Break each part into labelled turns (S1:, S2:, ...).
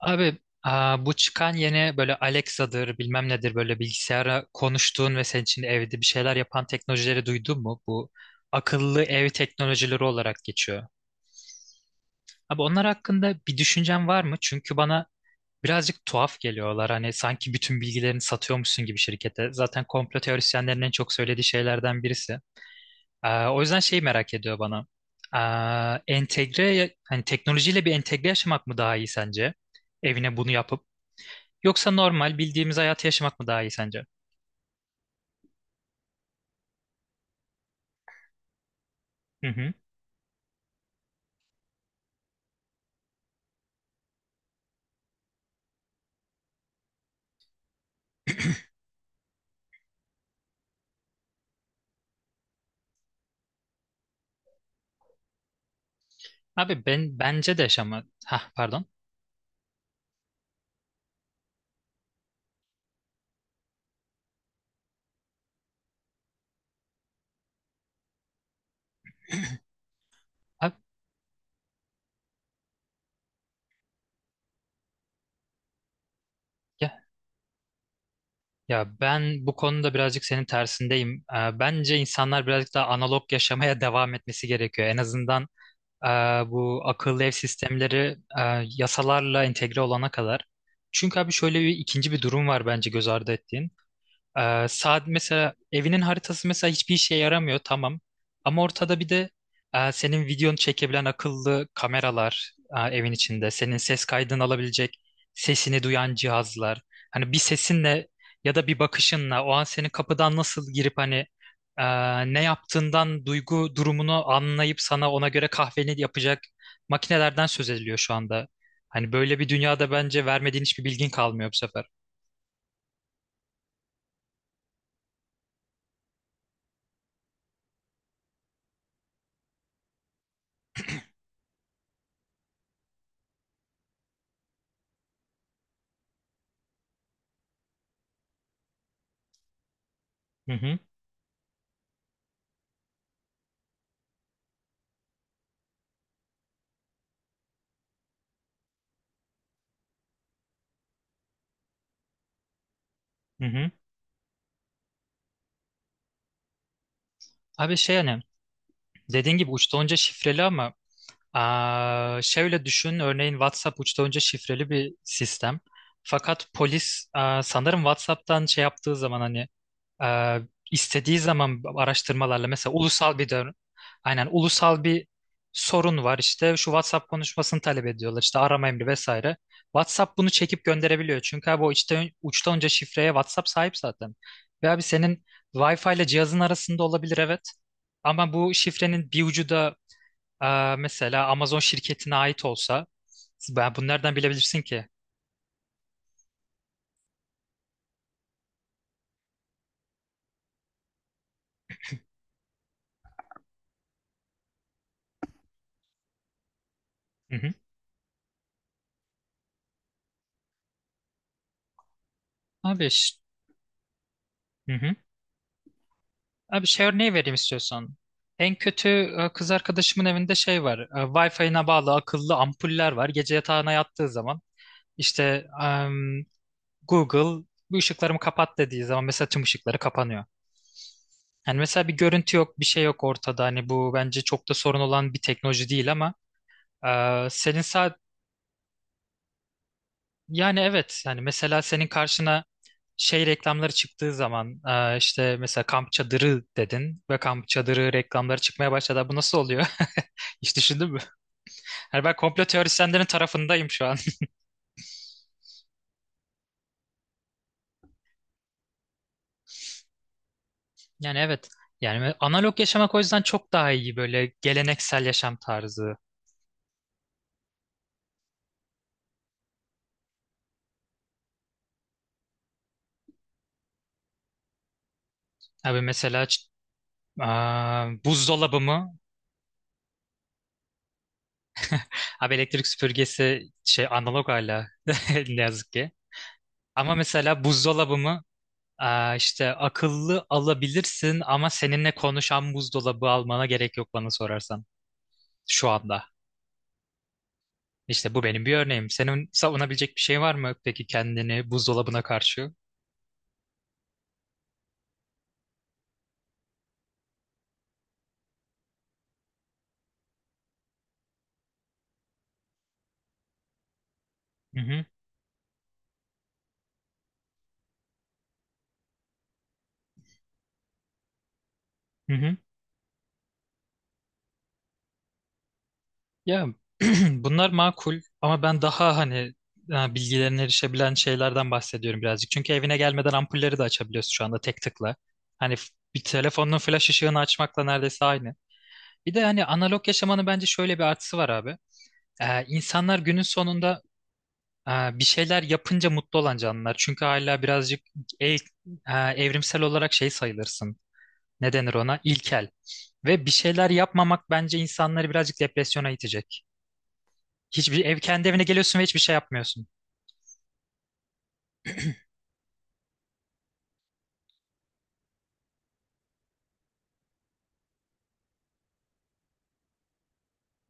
S1: Abi bu çıkan yeni böyle Alexa'dır bilmem nedir böyle bilgisayara konuştuğun ve senin için evde bir şeyler yapan teknolojileri duydun mu? Bu akıllı ev teknolojileri olarak geçiyor. Abi onlar hakkında bir düşüncen var mı? Çünkü bana birazcık tuhaf geliyorlar. Hani sanki bütün bilgilerini satıyormuşsun gibi şirkete. Zaten komplo teorisyenlerin en çok söylediği şeylerden birisi. O yüzden şeyi merak ediyor bana. Entegre, hani teknolojiyle bir entegre yaşamak mı daha iyi sence? Evine bunu yapıp. Yoksa normal bildiğimiz hayatı yaşamak mı daha iyi sence? Hı hı. Abi ben bence de yaşama. Ha pardon. Abi, ya, ben bu konuda birazcık senin tersindeyim. Bence insanlar birazcık daha analog yaşamaya devam etmesi gerekiyor. En azından e, bu akıllı ev sistemleri yasalarla entegre olana kadar. Çünkü abi şöyle bir ikinci durum var bence göz ardı ettiğin. Saat mesela evinin haritası mesela hiçbir işe yaramıyor tamam. Ama ortada bir de senin videonu çekebilen akıllı kameralar evin içinde. Senin ses kaydını alabilecek, sesini duyan cihazlar. Hani bir sesinle ya da bir bakışınla o an senin kapıdan nasıl girip hani e, ne yaptığından duygu durumunu anlayıp sana ona göre kahveni yapacak makinelerden söz ediliyor şu anda. Hani böyle bir dünyada bence vermediğin hiçbir bilgin kalmıyor bu sefer. Hı hı, hı hı. Abi şey hani dediğin gibi uçta onca şifreli ama şöyle düşün, örneğin WhatsApp uçtan önce şifreli bir sistem. Fakat polis sanırım WhatsApp'tan şey yaptığı zaman hani aa, istediği zaman araştırmalarla mesela ulusal bir dön, aynen ulusal bir sorun var işte şu WhatsApp konuşmasını talep ediyorlar işte arama emri vesaire. WhatsApp bunu çekip gönderebiliyor çünkü abi o işte uçtan önce şifreye WhatsApp sahip zaten. Ve abi senin Wi-Fi ile cihazın arasında olabilir evet. Ama bu şifrenin bir ucu da mesela Amazon şirketine ait olsa ben bunu nereden bilebilirsin ki? Hı hı. Abi, ş-, hı hı. Abi şey örneği vereyim istiyorsan. En kötü kız arkadaşımın evinde şey var. Wi-Fi'ine bağlı akıllı ampuller var. Gece yatağına yattığı zaman işte Google bu ışıklarımı kapat dediği zaman mesela tüm ışıkları kapanıyor. Yani mesela bir görüntü yok, bir şey yok ortada. Hani bu bence çok da sorun olan bir teknoloji değil ama senin sa-, yani evet yani mesela senin karşına şey reklamları çıktığı zaman işte mesela kamp çadırı dedin ve kamp çadırı reklamları çıkmaya başladı. Bu nasıl oluyor? Hiç düşündün mü? Yani ben komplo teorisyenlerin tarafındayım şu an. Yani evet. Yani analog yaşamak o yüzden çok daha iyi böyle geleneksel yaşam tarzı. Abi mesela ç-, buzdolabı mı? Abi elektrik süpürgesi şey analog hala ne yazık ki. Ama mesela buzdolabı mı? İşte akıllı alabilirsin ama seninle konuşan buzdolabı almana gerek yok bana sorarsan şu anda. İşte bu benim bir örneğim. Senin savunabilecek bir şey var mı peki kendini buzdolabına karşı? Hı hı, hı hı. Ya bunlar makul ama ben daha hani ha, bilgilerine erişebilen şeylerden bahsediyorum birazcık. Çünkü evine gelmeden ampulleri de açabiliyorsun şu anda tek tıkla. Hani f-, bir telefonun flash ışığını açmakla neredeyse aynı. Bir de hani analog yaşamanın bence şöyle bir artısı var abi. İnsanlar günün sonunda bir şeyler yapınca mutlu olan canlılar. Çünkü hala birazcık e- e, evrimsel olarak şey sayılırsın. Ne denir ona? İlkel. Ve bir şeyler yapmamak bence insanları birazcık depresyona itecek. Hiçbir ev kendi evine geliyorsun ve hiçbir şey yapmıyorsun.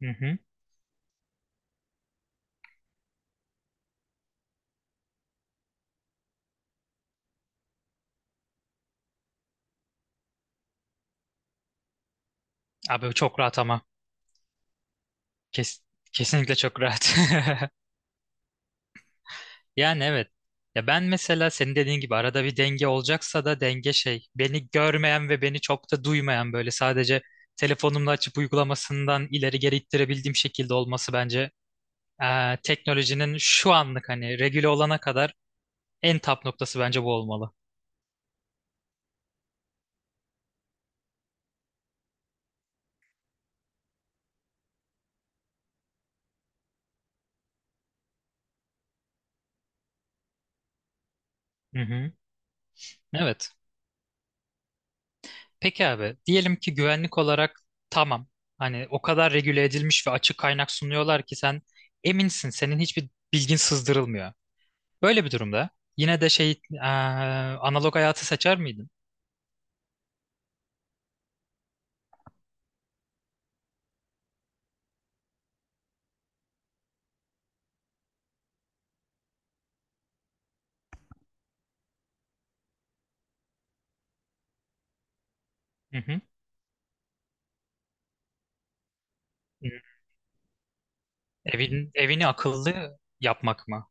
S1: Hı hı. Abi çok rahat ama. Kes, kesinlikle çok rahat. Yani evet. Ya ben mesela senin dediğin gibi arada bir denge olacaksa da denge şey beni görmeyen ve beni çok da duymayan böyle sadece telefonumla açıp uygulamasından ileri geri ittirebildiğim şekilde olması bence teknolojinin şu anlık hani regüle olana kadar en tap noktası bence bu olmalı. Hı hı. Evet. Peki abi diyelim ki güvenlik olarak tamam hani o kadar regüle edilmiş ve açık kaynak sunuyorlar ki sen eminsin senin hiçbir bilgin sızdırılmıyor. Böyle bir durumda yine de şey analog hayatı seçer miydin? Hı hı. Hı. Evin, evini akıllı yapmak mı?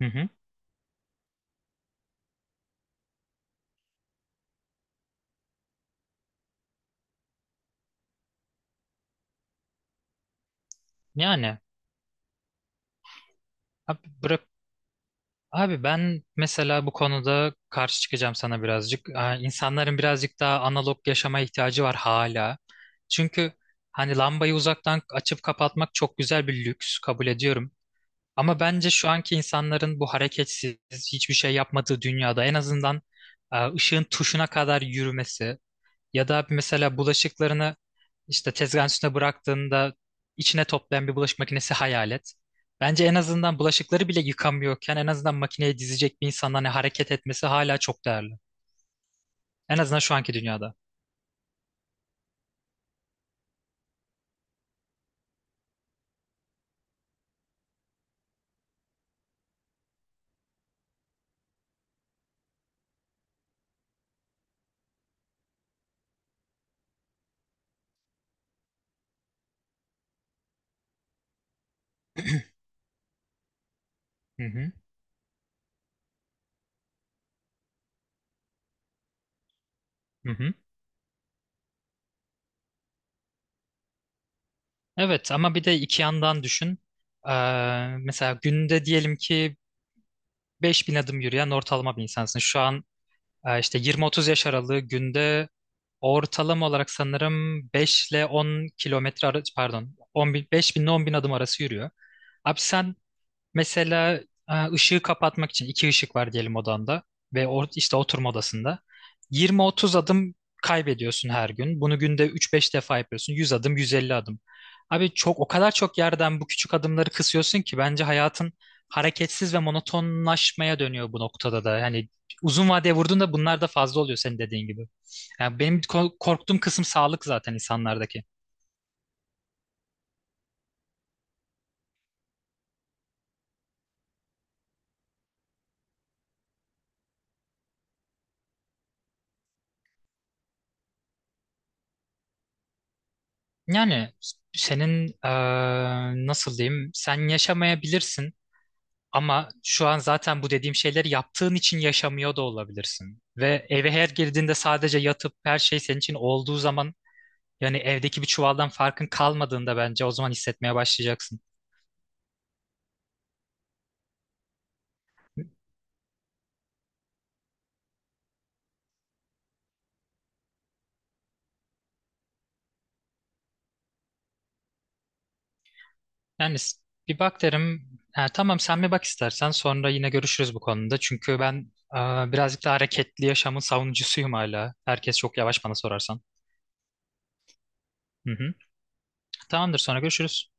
S1: Hı hı. Yani abi, bırak, abi ben mesela bu konuda karşı çıkacağım sana birazcık. İnsanların birazcık daha analog yaşama ihtiyacı var hala. Çünkü hani lambayı uzaktan açıp kapatmak çok güzel bir lüks kabul ediyorum. Ama bence şu anki insanların bu hareketsiz, hiçbir şey yapmadığı dünyada en azından ışığın tuşuna kadar yürümesi, ya da mesela bulaşıklarını işte tezgahın üstüne bıraktığında içine toplayan bir bulaşık makinesi hayal et. Bence en azından bulaşıkları bile yıkamıyorken en azından makineye dizecek bir insanın hani hareket etmesi hala çok değerli. En azından şu anki dünyada. Hı hı, hı hı. Evet ama bir de iki yandan düşün. Ee, Mesela günde diyelim ki 5.000 adım yürüyen ortalama bir insansın. Şu an işte 20-30 yaş aralığı günde ortalama olarak sanırım 5 ile 10 kilometre arası pardon 10 bin, 5 bin ile 10 bin adım arası yürüyor. Abi sen mesela ışığı kapatmak için iki ışık var diyelim odanda ve işte oturma odasında. 20-30 adım kaybediyorsun her gün. Bunu günde 3-5 defa yapıyorsun. 100 adım, 150 adım. Abi çok, o kadar çok yerden bu küçük adımları kısıyorsun ki bence hayatın hareketsiz ve monotonlaşmaya dönüyor bu noktada da. Yani uzun vadeye vurduğunda bunlar da fazla oluyor senin dediğin gibi. Yani benim korktuğum kısım sağlık zaten insanlardaki. Yani senin nasıl diyeyim, sen yaşamayabilirsin ama şu an zaten bu dediğim şeyleri yaptığın için yaşamıyor da olabilirsin. Ve eve her girdiğinde sadece yatıp her şey senin için olduğu zaman, yani evdeki bir çuvaldan farkın kalmadığında bence o zaman hissetmeye başlayacaksın. Yani s-, bir bak derim. Ha, tamam sen bir bak istersen sonra yine görüşürüz bu konuda. Çünkü ben birazcık daha hareketli yaşamın savunucusuyum hala. Herkes çok yavaş bana sorarsan. Hı hı. Tamamdır sonra görüşürüz.